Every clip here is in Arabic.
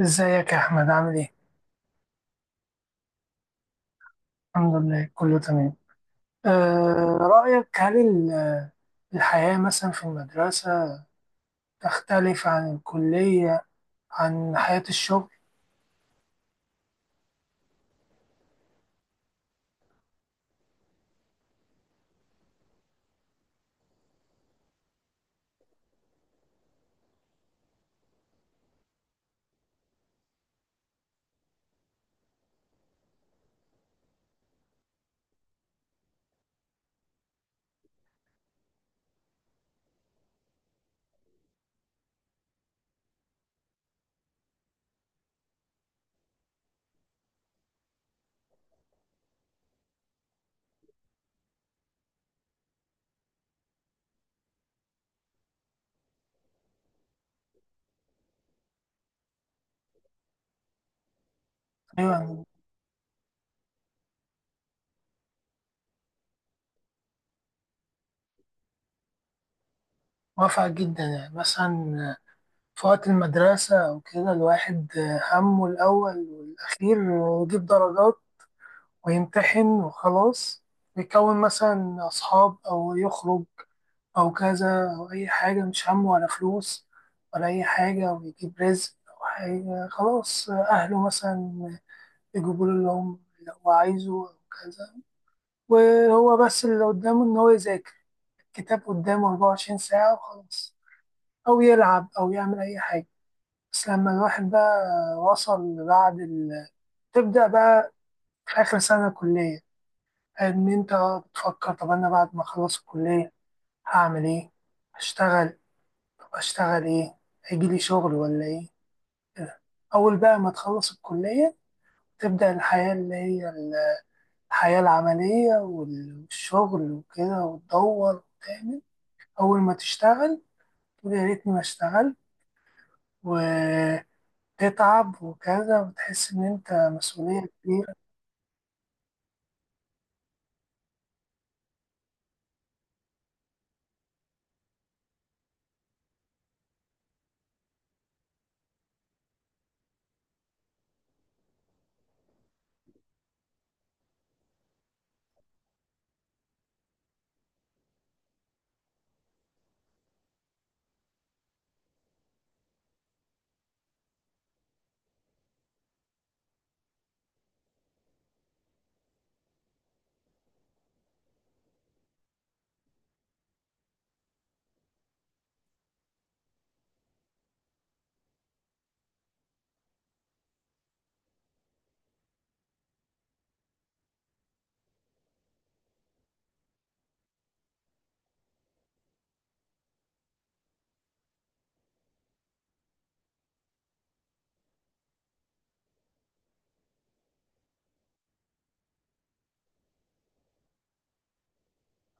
ازيك يا احمد؟ عامل ايه؟ الحمد لله، كله تمام. رأيك، هل الحياة مثلا في المدرسة تختلف عن الكلية، عن حياة الشغل؟ ايوه، أنا موافق جدا. يعني مثلا في وقت المدرسة او كده، الواحد همه الاول والاخير إنه يجيب درجات ويمتحن وخلاص، ويكون مثلا اصحاب او يخرج أو كذا أو أي حاجة، مش همه ولا فلوس ولا أي حاجة، أو يجيب رزق أو حاجة، خلاص أهله مثلا يجيبوا له اللي هو عايزه أو كذا. وهو بس اللي قدامه إن هو يذاكر الكتاب قدامه 24 ساعة وخلاص، أو يلعب أو يعمل أي حاجة. بس لما الواحد بقى وصل بعد تبدأ بقى في آخر سنة كلية إن أنت بتفكر: طب أنا بعد ما أخلص الكلية هعمل إيه؟ هشتغل؟ اشتغل ايه؟ هيجيلي شغل ولا ايه؟ كده. اول بقى ما تخلص الكلية تبدأ الحياة اللي هي الحياة العملية والشغل وكده، وتدور وتعمل. اول ما تشتغل تقول يا ريتني ما اشتغلت، وتتعب وكذا، وتحس ان انت مسؤولية كبيرة.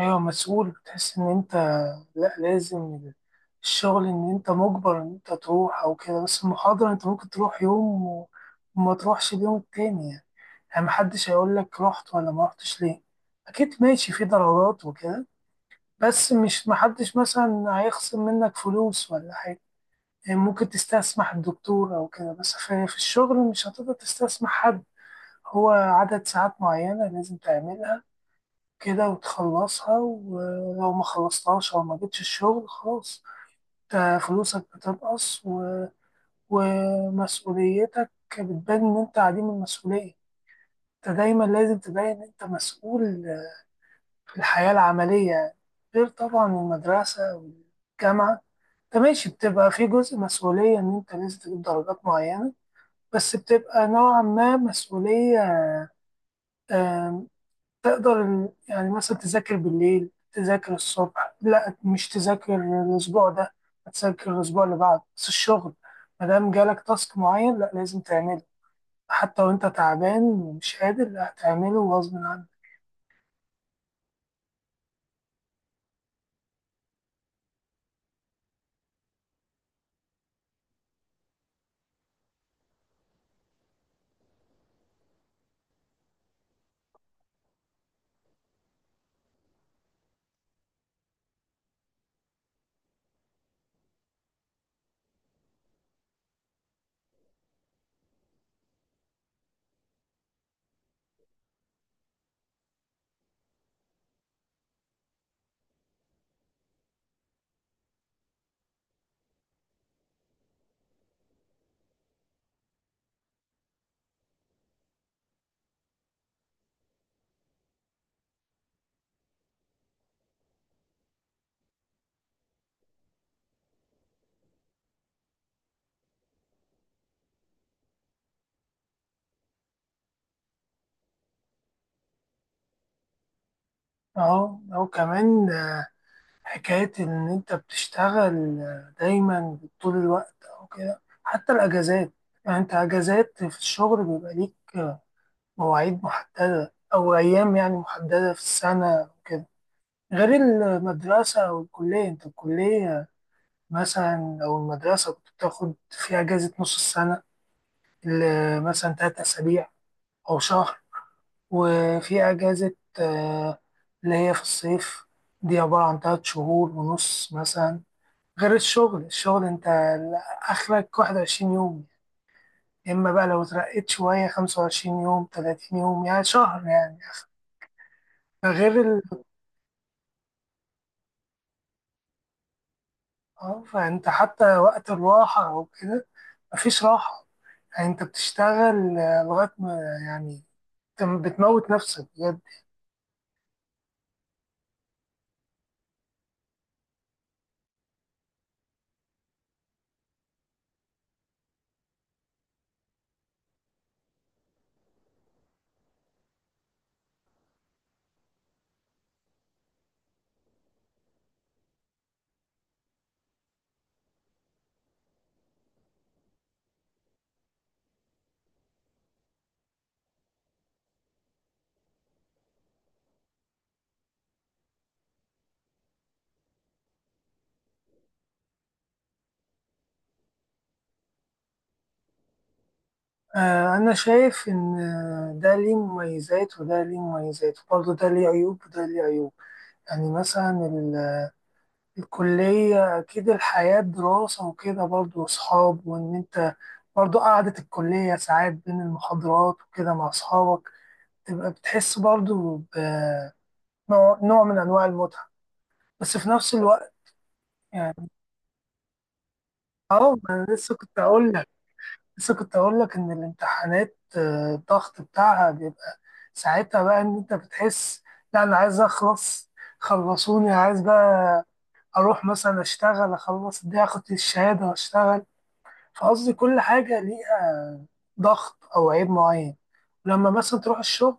ايوه، مسؤول. بتحس ان انت لا لازم. الشغل ان انت مجبر ان انت تروح او كده، بس المحاضرة انت ممكن تروح يوم وما تروحش اليوم التاني يعني. يعني محدش هيقول لك رحت ولا ما رحتش ليه. اكيد ماشي في ضرورات وكده، بس مش محدش مثلا هيخصم منك فلوس ولا حاجه. يعني ممكن تستسمح الدكتور او كده، بس في الشغل مش هتقدر تستسمح حد. هو عدد ساعات معينه لازم تعملها كده وتخلصها، ولو ما خلصتهاش او ما جبتش الشغل خلاص انت فلوسك بتنقص ومسؤوليتك بتبان ان انت عديم المسؤوليه. انت دايما لازم تبين ان انت مسؤول. الحياة العملية غير طبعا المدرسة والجامعة. انت ماشي بتبقى في جزء مسؤولية ان انت لازم تجيب درجات معينة، بس بتبقى نوعا ما مسؤولية. آم، تقدر يعني مثلا تذاكر بالليل، تذاكر الصبح، لا مش تذاكر الأسبوع ده، هتذاكر الأسبوع اللي بعده. بس الشغل مادام جالك تاسك معين، لا لازم تعمله، حتى وانت تعبان ومش قادر لا هتعمله غصب عنك. اهو اهو كمان حكاية إن أنت بتشتغل دايما طول الوقت أو كده، حتى الأجازات. يعني أنت أجازات في الشغل بيبقى ليك مواعيد محددة أو أيام يعني محددة في السنة وكده، غير المدرسة أو الكلية. أنت الكلية مثلا أو المدرسة كنت بتاخد فيها أجازة نص السنة مثلا 3 أسابيع أو شهر، وفي أجازة اللي هي في الصيف، دي عبارة عن 3 شهور ونص مثلا. غير الشغل. الشغل انت اخرك 21 يوم، يا اما بقى لو اترقيت شوية 25 يوم، 30 يوم يعني شهر، يعني اخر. ده غير اه، فانت حتى وقت الراحة او كده مفيش راحة. يعني انت بتشتغل لغاية ما، يعني انت بتموت نفسك بجد. انا شايف ان ده ليه مميزات وده ليه مميزات، وبرضه ده ليه عيوب وده ليه عيوب. يعني مثلا الكلية أكيد الحياة دراسة وكده، برضه وأصحاب، وإن أنت برضه قعدة الكلية ساعات بين المحاضرات وكده مع أصحابك، تبقى بتحس برضه بنوع من أنواع المتعة، بس في نفس الوقت، يعني. ما أنا لسه كنت أقول لك، إن الامتحانات الضغط بتاعها بيبقى. ساعتها بقى إن أنت بتحس: لا أنا عايز أخلص، خلصوني، عايز بقى أروح مثلا أشتغل، أخلص دي، أخد الشهادة وأشتغل. فقصدي كل حاجة ليها ضغط أو عيب معين. لما مثلا تروح الشغل،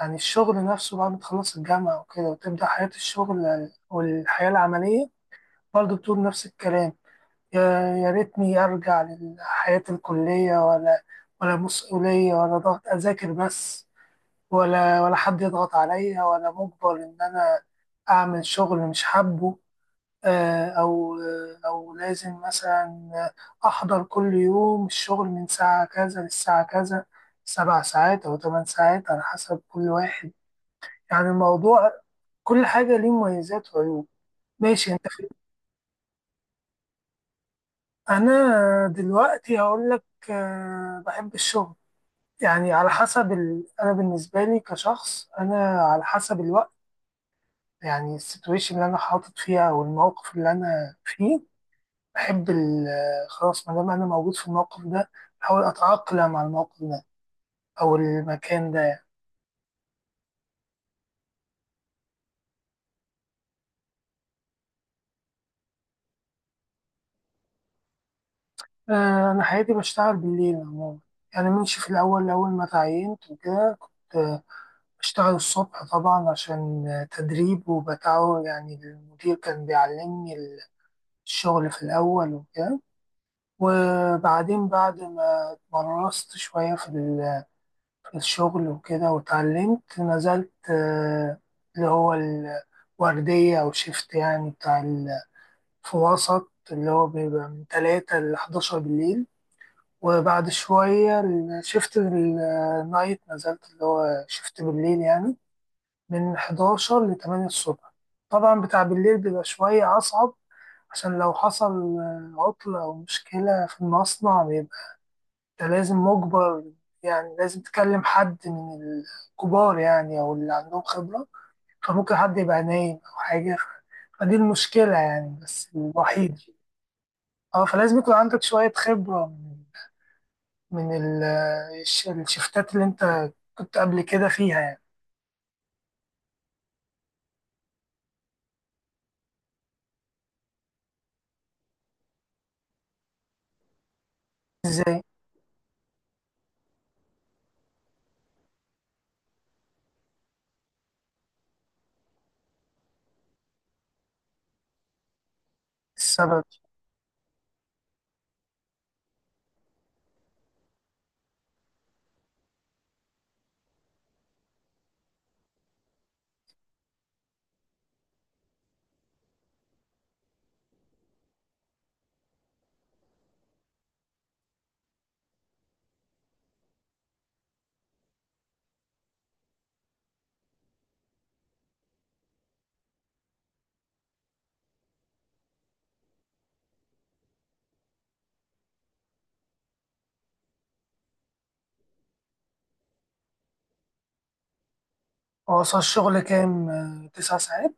يعني الشغل نفسه بعد ما تخلص الجامعة وكده وتبدأ حياة الشغل والحياة العملية، برضه بتقول نفس الكلام: يا يا ريتني أرجع لحياة الكلية، ولا مسؤولية ولا ضغط، أذاكر بس، ولا حد يضغط عليا ولا مجبر إن أنا أعمل شغل مش حابه، آه، أو أو لازم مثلا أحضر كل يوم الشغل من ساعة كذا للساعة كذا، 7 ساعات أو 8 ساعات على حسب كل واحد. يعني الموضوع، كل حاجة ليه مميزات وعيوب. ماشي، أنت في. أنا دلوقتي هقول لك بحب الشغل. يعني على حسب أنا بالنسبة لي كشخص، أنا على حسب الوقت، يعني السيتويشن اللي أنا حاطط فيها أو الموقف اللي أنا فيه، بحب خلاص ما دام أنا موجود في الموقف ده، أحاول أتأقلم مع الموقف ده أو المكان ده. أنا حياتي بشتغل بالليل عموما. يعني ماشي في الأول، أول ما تعينت وكده كنت بشتغل الصبح طبعا، عشان تدريب وبتعود. يعني المدير كان بيعلمني الشغل في الأول وكده، وبعدين بعد ما اتمرست شوية في الشغل وكده واتعلمت، نزلت اللي هو الوردية أو شيفت يعني بتاع في وسط، اللي هو بيبقى من 3 ل11 بالليل. وبعد شوية الشيفت النايت، نزلت اللي هو شيفت بالليل يعني، من 11 ل8 الصبح. طبعا بتاع بالليل بيبقى شوية أصعب، عشان لو حصل عطلة أو مشكلة في المصنع، انت لازم مجبر، يعني لازم تكلم حد من الكبار يعني، او اللي عندهم خبرة، فممكن حد يبقى نايم او حاجة، فدي المشكلة يعني، بس الوحيد. اه، فلازم يكون عندك شوية خبرة من من ال- الشفتات اللي انت كنت قبل كده فيها يعني. ازاي؟ السبب. هو اصلا الشغل كام؟ 9 ساعات.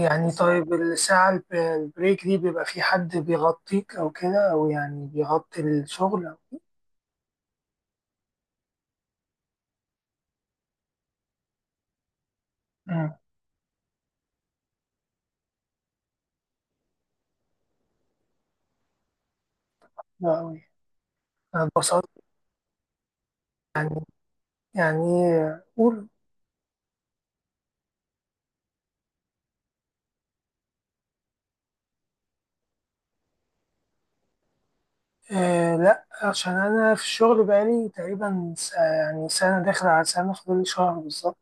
يعني طيب، الساعة البريك دي بيبقى في حد بيغطيك أو كده، أو يعني بيغطي الشغل أو. مم. لا أوي. اتبسطت، يعني يعني قول. آه لا، عشان انا في الشغل بقالي تقريبا يعني سنه داخل على سنه، فاضل لي شهر بالظبط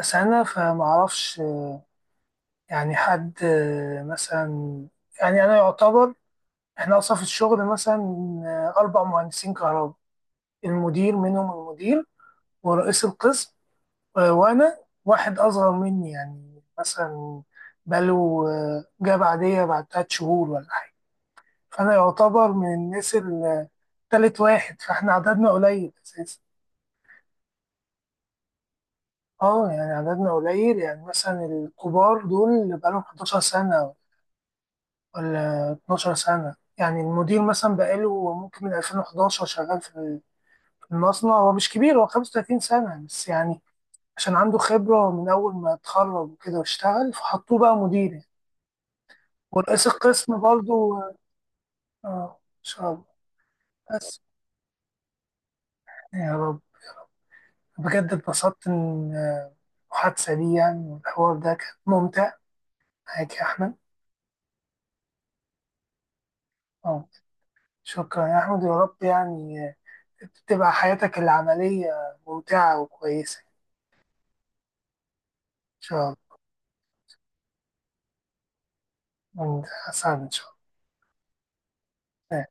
سنه، فمعرفش. يعني حد مثلا، يعني انا يعتبر، احنا اصلا في الشغل مثلا اربع مهندسين كهرباء. المدير منهم، المدير ورئيس القسم وانا. واحد اصغر مني يعني مثلا بقاله جاب عاديه بعد 3 شهور ولا حاجه. فانا يعتبر من الناس اللي تالت واحد، فاحنا عددنا قليل اساسا. اه، يعني عددنا قليل. يعني مثلا الكبار دول اللي بقالهم 11 سنة ولا 12 سنة. يعني المدير مثلا بقاله ممكن من 2011 شغال في المصنع. هو مش كبير، هو 35 سنة بس يعني، عشان عنده خبرة من أول ما اتخرج وكده واشتغل، فحطوه بقى مدير يعني. ورئيس القسم برضو، اه. إن شاء الله. بس يعني يا رب. بجد اتبسطت إن المحادثة دي يعني والحوار ده كان ممتع معاك يا أحمد. اه، شكرا يا أحمد. يا رب يعني تبقى حياتك العملية ممتعة وكويسة. إن شاء الله. وأنت، سعد إن شاء الله.